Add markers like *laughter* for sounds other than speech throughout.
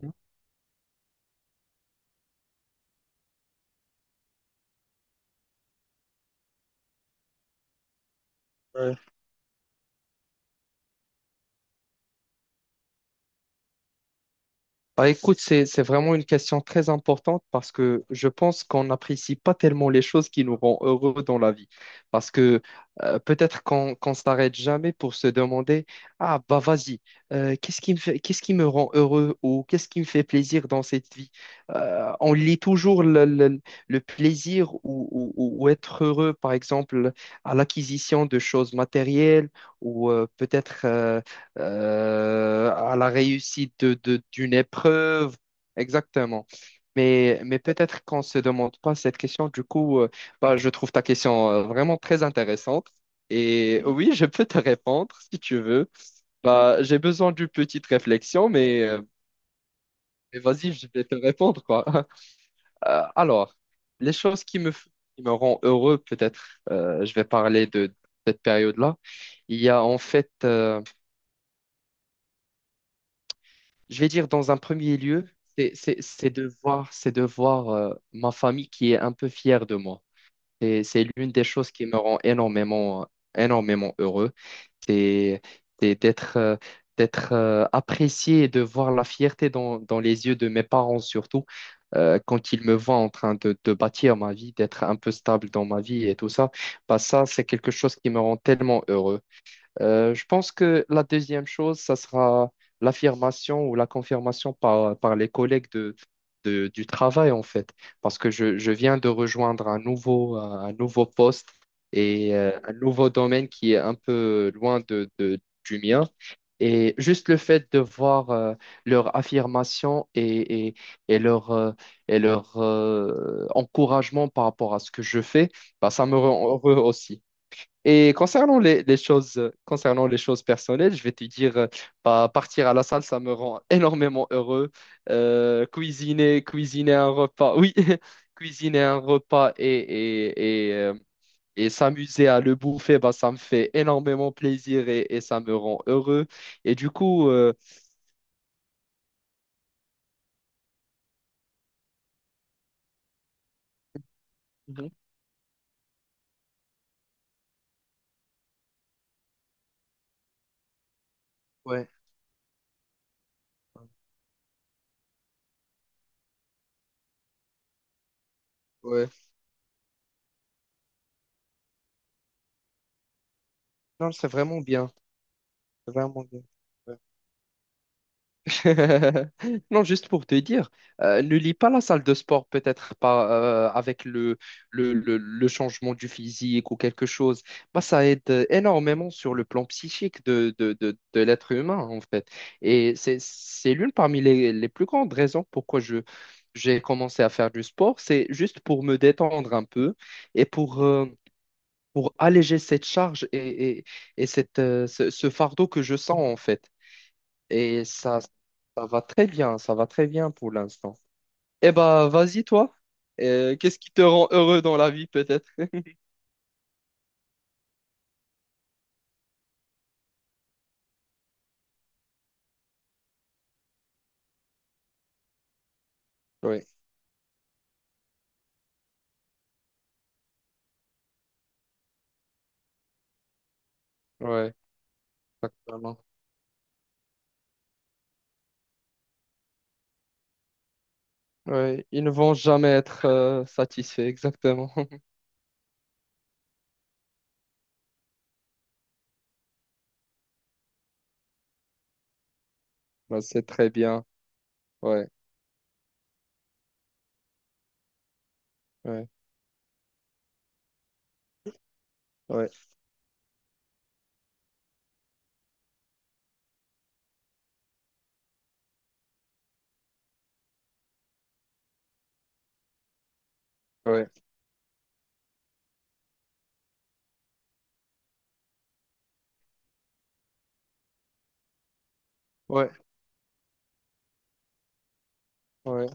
Ouais. Bah, écoute, c'est vraiment une question très importante parce que je pense qu'on n'apprécie pas tellement les choses qui nous rendent heureux dans la vie. Parce que peut-être qu'on s'arrête jamais pour se demander, ah bah vas-y, qu'est-ce qui me fait, qu'est-ce qui me rend heureux ou qu'est-ce qui me fait plaisir dans cette vie? On lit toujours le plaisir ou être heureux, par exemple, à l'acquisition de choses matérielles ou peut-être à la réussite d'une épreuve. Exactement. Mais peut-être qu'on ne se demande pas cette question. Du coup, bah, je trouve ta question vraiment très intéressante. Et oui, je peux te répondre si tu veux. Bah, j'ai besoin d'une petite réflexion, mais mais vas-y, je vais te répondre, quoi. *laughs* Alors, les choses qui me rendent heureux, peut-être, je vais parler de cette période-là. Il y a en fait je vais dire dans un premier lieu, c'est de voir ma famille qui est un peu fière de moi. C'est l'une des choses qui me rend énormément, énormément heureux. C'est c'est d'être apprécié et de voir la fierté dans les yeux de mes parents surtout quand ils me voient en train de bâtir ma vie, d'être un peu stable dans ma vie et tout ça. Bah ça, c'est quelque chose qui me rend tellement heureux. Je pense que la deuxième chose, ça sera l'affirmation ou la confirmation par les collègues du travail, en fait, parce que je viens de rejoindre un nouveau poste et un nouveau domaine qui est un peu loin du mien. Et juste le fait de voir leur affirmation et, et, et leur, euh, et leur encouragement par rapport à ce que je fais, bah, ça me rend heureux aussi. Et concernant les choses, concernant les choses personnelles, je vais te dire, bah, partir à la salle, ça me rend *laughs* énormément heureux. Cuisiner un repas, oui, *laughs* cuisiner un repas et s'amuser à le bouffer, bah, ça me fait énormément plaisir et ça me rend heureux. Et du coup, mhm, ouais, ouais, non, c'est vraiment bien. *laughs* Non, juste pour te dire, ne lis pas la salle de sport, peut-être pas avec le changement du physique ou quelque chose. Bah, ça aide énormément sur le plan psychique de l'être humain, en fait. Et c'est l'une parmi les plus grandes raisons pourquoi j'ai commencé à faire du sport. C'est juste pour me détendre un peu et pour alléger cette charge et cette, ce fardeau que je sens, en fait. Et ça, ça va très bien pour l'instant. Eh bah, vas-y, toi. Qu'est-ce qui te rend heureux dans la vie, peut-être? Oui, ouais, exactement. Ouais, ils ne vont jamais être satisfaits, exactement. *laughs* Bah, c'est très bien. Ouais, ouais, ouais, ouais, ouais, ouais.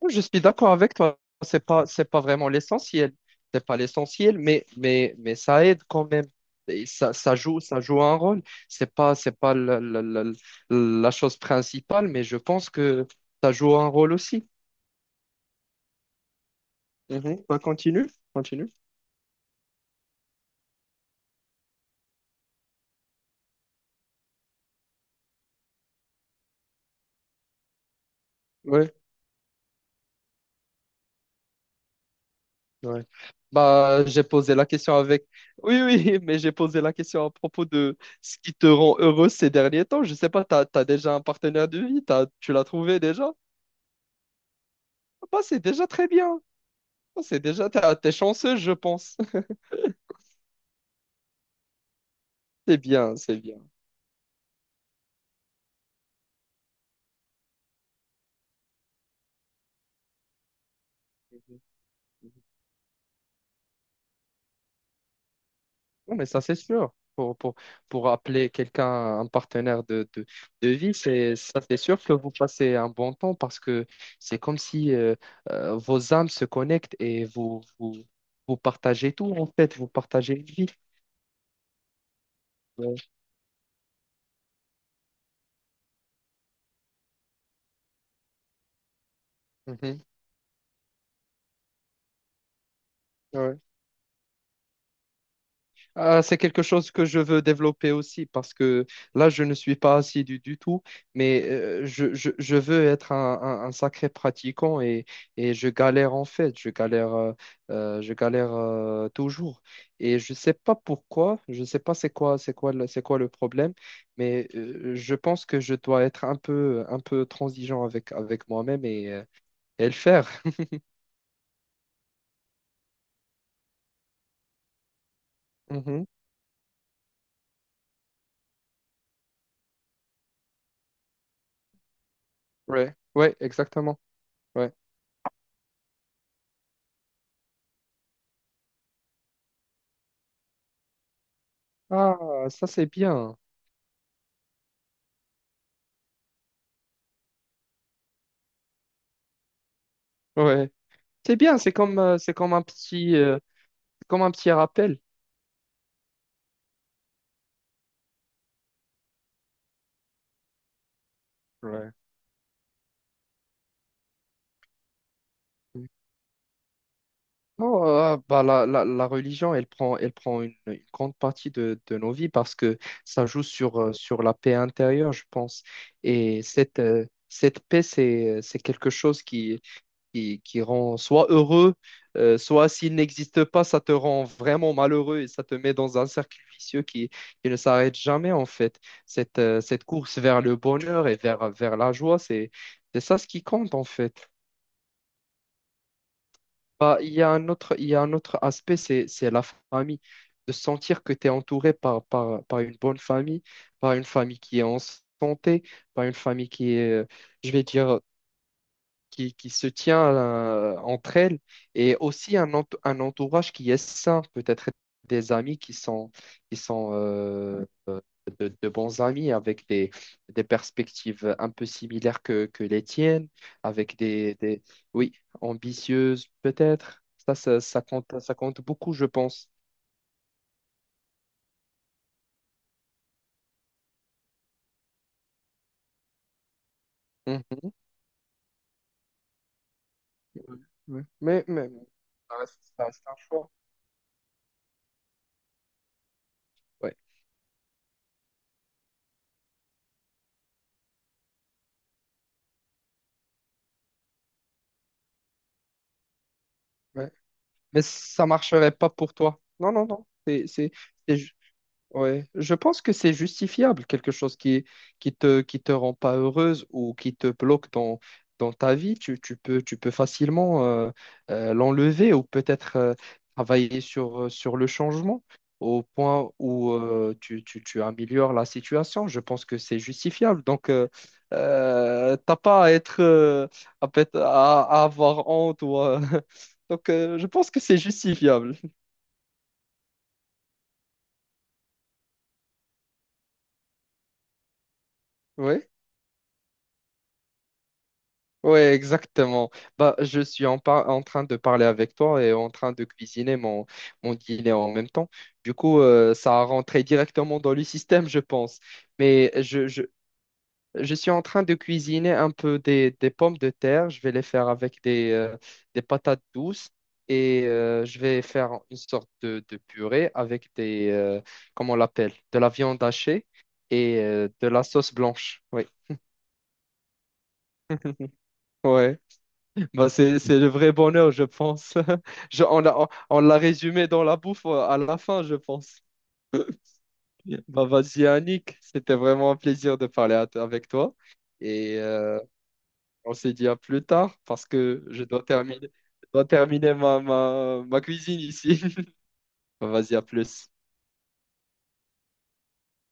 Oui, je suis d'accord avec toi. C'est pas vraiment l'essentiel. C'est pas l'essentiel, mais ça aide quand même. Et ça, ça joue un rôle. C'est pas la chose principale, mais je pense que ça joue un rôle aussi. Mhm. Bah, continue. Ouais, ouais. Bah, j'ai posé la question avec. Oui, oui, *laughs* mais j'ai posé la question à propos de ce qui te rend heureux ces derniers temps. Je sais pas, t'as déjà un partenaire de vie, tu l'as trouvé déjà? Bah, c'est déjà très bien. Oh, c'est déjà, t'es chanceux, je pense. *laughs* C'est bien, c'est bien. Non, mais ça, c'est sûr. Pour appeler quelqu'un un partenaire de vie, c'est, ça, c'est sûr que vous passez un bon temps parce que c'est comme si vos âmes se connectent et vous partagez tout, en fait. Vous partagez une vie. Ouais. Mhm. Ouais. Ah, c'est quelque chose que je veux développer aussi parce que là, je ne suis pas assidu du tout, mais je veux être un sacré pratiquant et je galère en fait, je galère toujours. Et je ne sais pas pourquoi, je ne sais pas c'est quoi le problème, mais je pense que je dois être un peu transigeant avec moi-même et le faire. Mhm. Ouais, ouais, exactement. Ouais. Ah, ça c'est bien. Ouais. C'est bien, c'est comme un petit rappel. Ouais. Non, bah, la religion, elle prend une grande partie de nos vies parce que ça joue sur, sur la paix intérieure, je pense. Et cette, cette paix, c'est quelque chose qui rend soit heureux, soit s'il n'existe pas, ça te rend vraiment malheureux et ça te met dans un cercle vicieux qui ne s'arrête jamais en fait. Cette, cette course vers le bonheur et vers la joie, c'est ça ce qui compte en fait. Bah, il y a un autre aspect, c'est la famille. De sentir que tu es entouré par une bonne famille, par une famille qui est en santé, par une famille qui est, je vais dire, qui se tient entre elles et aussi un entourage qui est sain, peut-être des amis qui sont de bons amis avec des perspectives un peu similaires que les tiennes, avec des oui, ambitieuses peut-être. Ça, ça compte beaucoup, je pense. Mhm. Ouais. Mais ça reste un choix. Ouais. Ouais. Mais ça marcherait pas pour toi. Non, non, non. C'est ju- Ouais, je pense que c'est justifiable, quelque chose qui qui te rend pas heureuse ou qui te bloque dans dans ta vie, tu peux facilement l'enlever ou peut-être travailler sur sur le changement au point où tu améliores la situation. Je pense que c'est justifiable. Donc t'as pas à être à avoir honte ou *laughs* donc je pense que c'est justifiable. Ouais. Ouais, exactement. Bah, je suis en, par- en train de parler avec toi et en train de cuisiner mon dîner en même temps. Du coup, ça a rentré directement dans le système, je pense. Mais je suis en train de cuisiner un peu des pommes de terre. Je vais les faire avec des patates douces et je vais faire une sorte de purée avec comment on l'appelle, de la viande hachée et de la sauce blanche. Oui. Ouais. Bah, c'est le vrai bonheur, je pense. *laughs* Je- on l'a, on l'a résumé dans la bouffe à la fin, je pense. *laughs* Bah, vas-y, Annick, c'était vraiment un plaisir de parler avec toi. Et on se dit à plus tard parce que je dois terminer ma cuisine ici. *laughs* Bah, vas-y, à plus.